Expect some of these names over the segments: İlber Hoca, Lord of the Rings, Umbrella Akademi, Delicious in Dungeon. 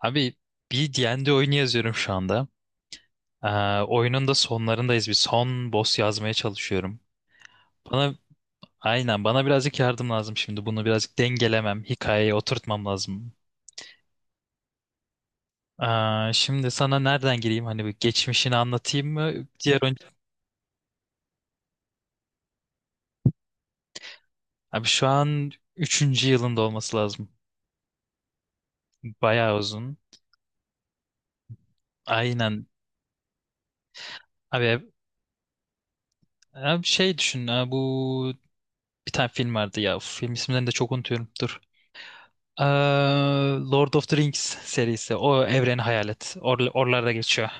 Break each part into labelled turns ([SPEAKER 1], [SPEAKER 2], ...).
[SPEAKER 1] Abi bir D&D oyunu yazıyorum şu anda. Ee, Oyunun da sonlarındayız. Bir son boss yazmaya çalışıyorum. Bana aynen bana birazcık yardım lazım şimdi. Bunu birazcık dengelemem, hikayeye oturtmam lazım. Şimdi sana nereden gireyim? Hani bir geçmişini anlatayım mı? Diğer oyun... Abi şu an üçüncü yılında olması lazım. Bayağı uzun. Aynen. Abi, abi şey düşün. Ha, Bu bir tane film vardı ya. Uf, film isimlerini de çok unutuyorum. Dur. Eee, Lord of the Rings serisi. O evreni hayal et. Oralarda geçiyor.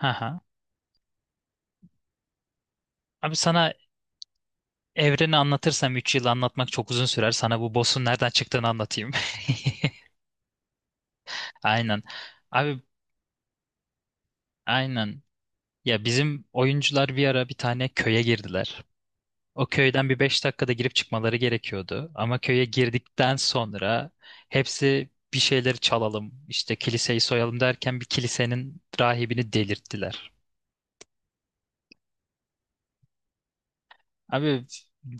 [SPEAKER 1] Aha. Abi sana evreni anlatırsam 3 yıl anlatmak çok uzun sürer. Sana bu boss'un nereden çıktığını anlatayım. Aynen. Abi aynen. Ya bizim oyuncular bir ara bir tane köye girdiler. O köyden bir 5 dakikada girip çıkmaları gerekiyordu. Ama köye girdikten sonra hepsi bir şeyleri çalalım, işte kiliseyi soyalım derken bir kilisenin rahibini delirttiler. Abi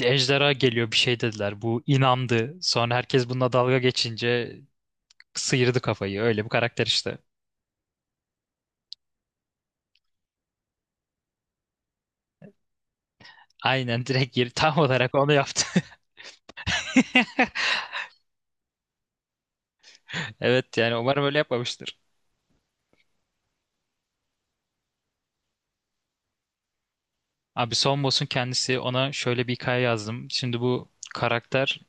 [SPEAKER 1] ejderha geliyor bir şey dediler. Bu inandı. Sonra herkes bununla dalga geçince sıyırdı kafayı. Öyle bir karakter işte. Aynen direkt yeri tam olarak onu yaptı. Evet, yani umarım öyle yapmamıştır. Abi son boss'un kendisi, ona şöyle bir hikaye yazdım. Şimdi bu karakter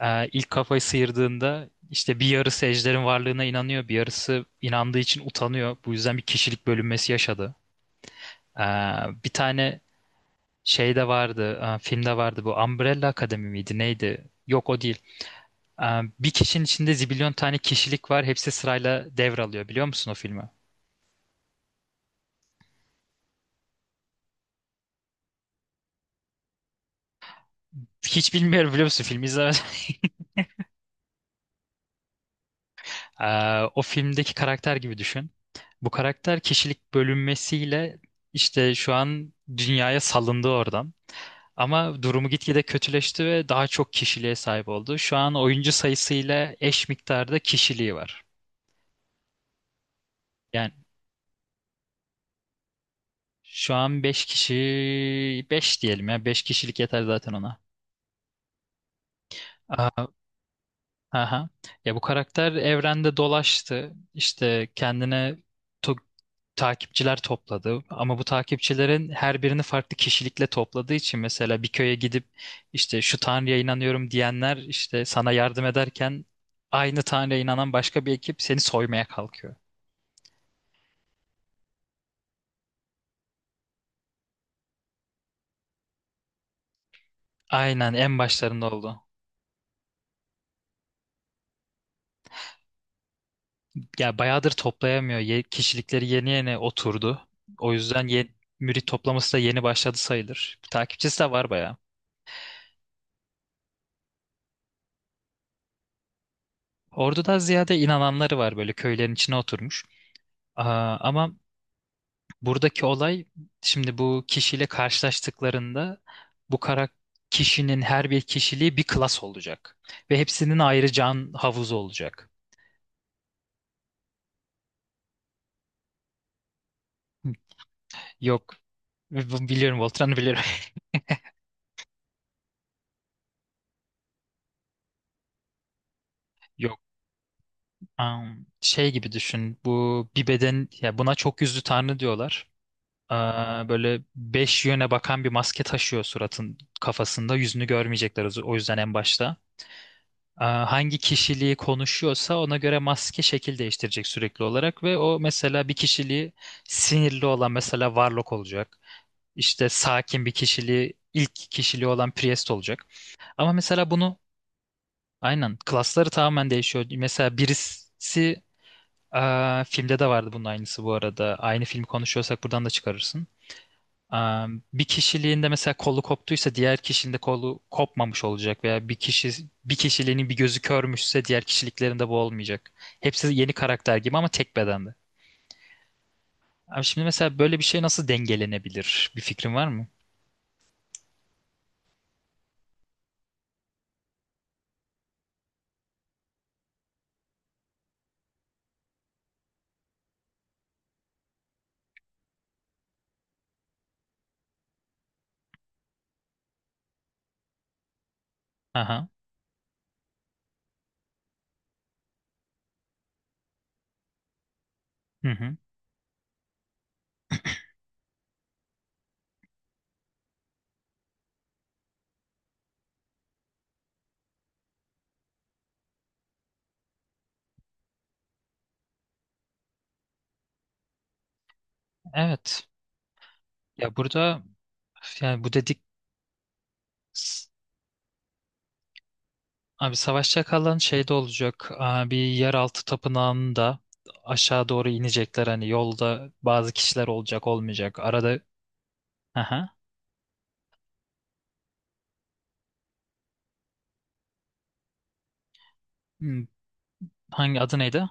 [SPEAKER 1] ilk kafayı sıyırdığında işte bir yarısı ejderin varlığına inanıyor. Bir yarısı inandığı için utanıyor. Bu yüzden bir kişilik bölünmesi yaşadı. E, bir tane Şey de vardı, filmde vardı, bu Umbrella Akademi miydi neydi? Yok, o değil. E, Bir kişinin içinde zibilyon tane kişilik var. Hepsi sırayla devralıyor, biliyor musun o filmi? Hiç bilmiyorum, biliyor musun, filmi izlemedim. E, O filmdeki karakter gibi düşün. Bu karakter kişilik bölünmesiyle işte şu an dünyaya salındı oradan. Ama durumu gitgide kötüleşti ve daha çok kişiliğe sahip oldu. Şu an oyuncu sayısıyla eş miktarda kişiliği var. Yani şu an 5 kişi, 5 diyelim, ya 5 kişilik yeter zaten ona. Aa, aha. Ya bu karakter evrende dolaştı. İşte kendine to- takipçiler topladı, ama bu takipçilerin her birini farklı kişilikle topladığı için, mesela bir köye gidip işte şu tanrıya inanıyorum diyenler işte sana yardım ederken, aynı tanrıya inanan başka bir ekip seni soymaya kalkıyor. Aynen, en başlarında oldu. Ya bayağıdır toplayamıyor. Kişilikleri yeni yeni oturdu. O yüzden mürit toplaması da yeni başladı sayılır. Takipçisi de var bayağı. Ordu'da ziyade inananları var, böyle köylerin içine oturmuş. Aa, ama buradaki olay, şimdi bu kişiyle karşılaştıklarında, bu kişinin her bir kişiliği bir klas olacak. Ve hepsinin ayrı can havuzu olacak. Yok. Biliyorum, Voltran'ı biliyorum. Şey gibi düşün. Bu bir beden, ya buna çok yüzlü tanrı diyorlar. Aa, böyle beş yöne bakan bir maske taşıyor suratın kafasında. Yüzünü görmeyecekler o yüzden en başta. Aa, hangi kişiliği konuşuyorsa ona göre maske şekil değiştirecek sürekli olarak ve o, mesela bir kişiliği sinirli olan, mesela Warlock olacak. İşte sakin bir kişiliği, ilk kişiliği olan, Priest olacak. Ama mesela bunu aynen klasları tamamen değişiyor. Mesela birisi, aa, filmde de vardı bunun aynısı bu arada. Aynı filmi konuşuyorsak buradan da çıkarırsın. Aa, bir kişiliğinde mesela kolu koptuysa diğer kişinin de kolu kopmamış olacak veya bir kişi, bir kişiliğinin bir gözü körmüşse diğer kişiliklerinde bu olmayacak. Hepsi yeni karakter gibi ama tek bedende. Abi şimdi mesela böyle bir şey nasıl dengelenebilir? Bir fikrin var mı? Aha. Hı hı. Evet. Ya burada yani bu dedik, abi savaş çakalların şeyde olacak. Bir yeraltı tapınağında aşağı doğru inecekler. Hani yolda bazı kişiler olacak olmayacak. Arada, aha. Hmm, Hangi adı neydi?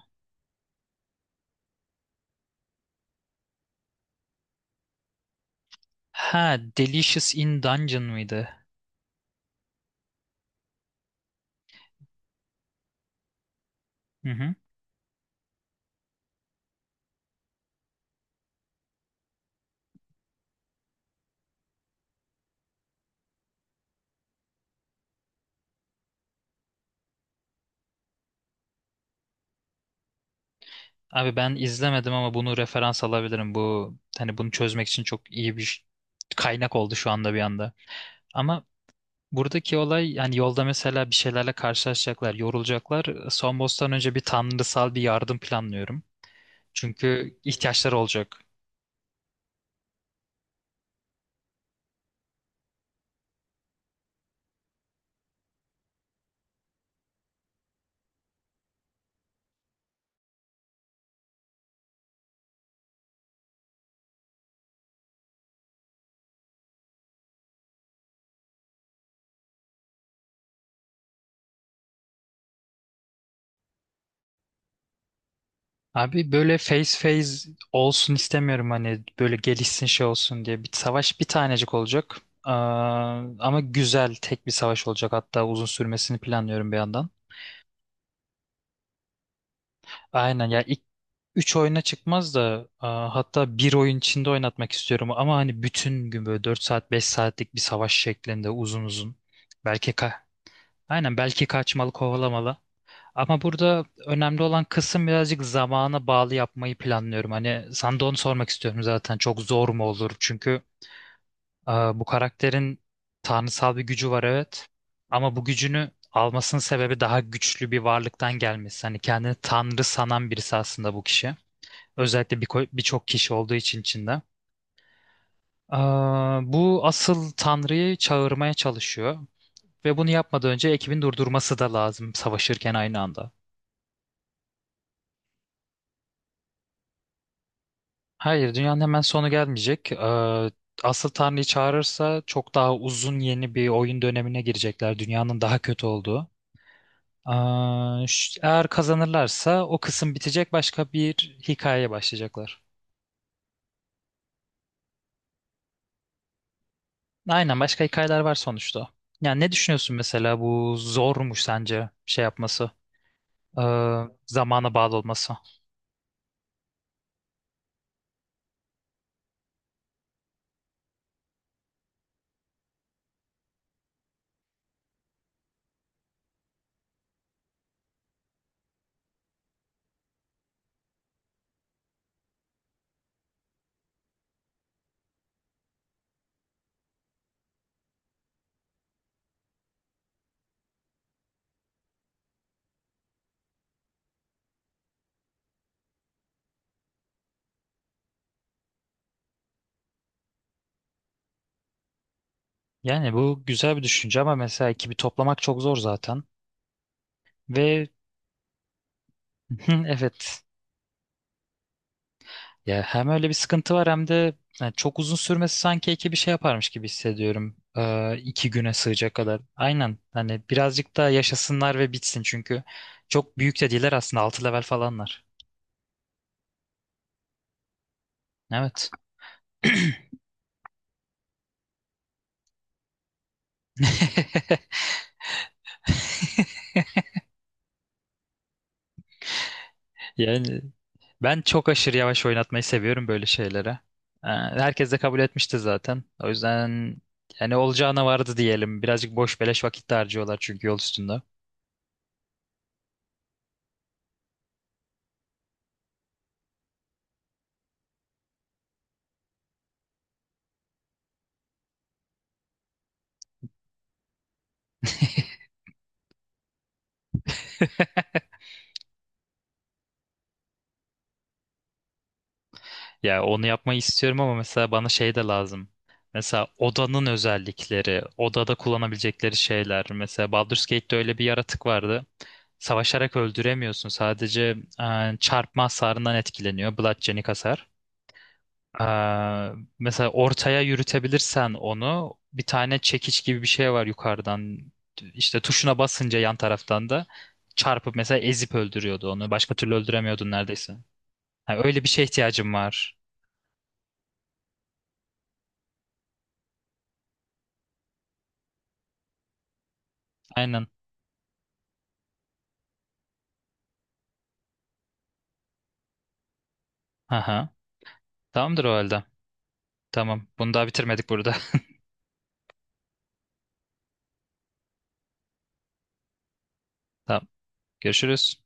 [SPEAKER 1] Ha, Delicious in Dungeon mıydı? Hı hı. Abi ben izlemedim ama bunu referans alabilirim. Bu hani bunu çözmek için çok iyi bir kaynak oldu şu anda bir anda. Ama buradaki olay, yani yolda mesela bir şeylerle karşılaşacaklar, yorulacaklar. Son boss'tan önce bir tanrısal bir yardım planlıyorum. Çünkü ihtiyaçları olacak. Abi böyle face face olsun istemiyorum hani, böyle gelişsin şey olsun diye. Bir savaş, bir tanecik olacak. Aa, ama güzel tek bir savaş olacak. Hatta uzun sürmesini planlıyorum bir yandan. Aynen, ya ilk 3 oyuna çıkmaz da, hatta bir oyun içinde oynatmak istiyorum. Ama hani bütün gün böyle 4 saat 5 saatlik bir savaş şeklinde uzun uzun. Belki ka Aynen, belki kaçmalı kovalamalı. Ama burada önemli olan kısım, birazcık zamana bağlı yapmayı planlıyorum. Hani sana da onu sormak istiyorum zaten. Çok zor mu olur? Çünkü bu karakterin tanrısal bir gücü var, evet. Ama bu gücünü almasının sebebi daha güçlü bir varlıktan gelmesi. Hani kendini tanrı sanan birisi aslında bu kişi. Özellikle birçok kişi olduğu için içinde. E, Bu asıl tanrıyı çağırmaya çalışıyor. Ve bunu yapmadan önce ekibin durdurması da lazım, savaşırken aynı anda. Hayır, dünyanın hemen sonu gelmeyecek. Asıl Tanrı'yı çağırırsa çok daha uzun yeni bir oyun dönemine girecekler. Dünyanın daha kötü olduğu. Eğer kazanırlarsa o kısım bitecek, başka bir hikayeye başlayacaklar. Aynen, başka hikayeler var sonuçta. Yani ne düşünüyorsun mesela, bu zormuş sence şey yapması, zamana bağlı olması? Yani bu güzel bir düşünce ama mesela ekibi toplamak çok zor zaten. Ve evet. Ya hem öyle bir sıkıntı var hem de yani çok uzun sürmesi, sanki iki bir şey yaparmış gibi hissediyorum. İki güne sığacak kadar. Aynen. Hani birazcık daha yaşasınlar ve bitsin çünkü çok büyük de değiller aslında, 6 level falanlar. Evet. Yani ben çok aşırı yavaş oynatmayı seviyorum böyle şeylere. Herkes de kabul etmişti zaten. O yüzden yani olacağına vardı diyelim. Birazcık boş beleş vakit de harcıyorlar çünkü yol üstünde. Ya onu yapmayı istiyorum ama mesela bana şey de lazım. Mesela odanın özellikleri, odada kullanabilecekleri şeyler. Mesela Baldur's Gate'de öyle bir yaratık vardı. Savaşarak öldüremiyorsun. Sadece çarpma hasarından etkileniyor. Bludgeoning hasar. E, Mesela ortaya yürütebilirsen onu, bir tane çekiç gibi bir şey var yukarıdan. İşte tuşuna basınca yan taraftan da çarpıp mesela ezip öldürüyordu onu. Başka türlü öldüremiyordun neredeyse. Ha, öyle bir şeye ihtiyacım var. Aynen. Aha. Tamamdır o halde. Tamam. Bunu daha bitirmedik burada. Tamam. Görüşürüz.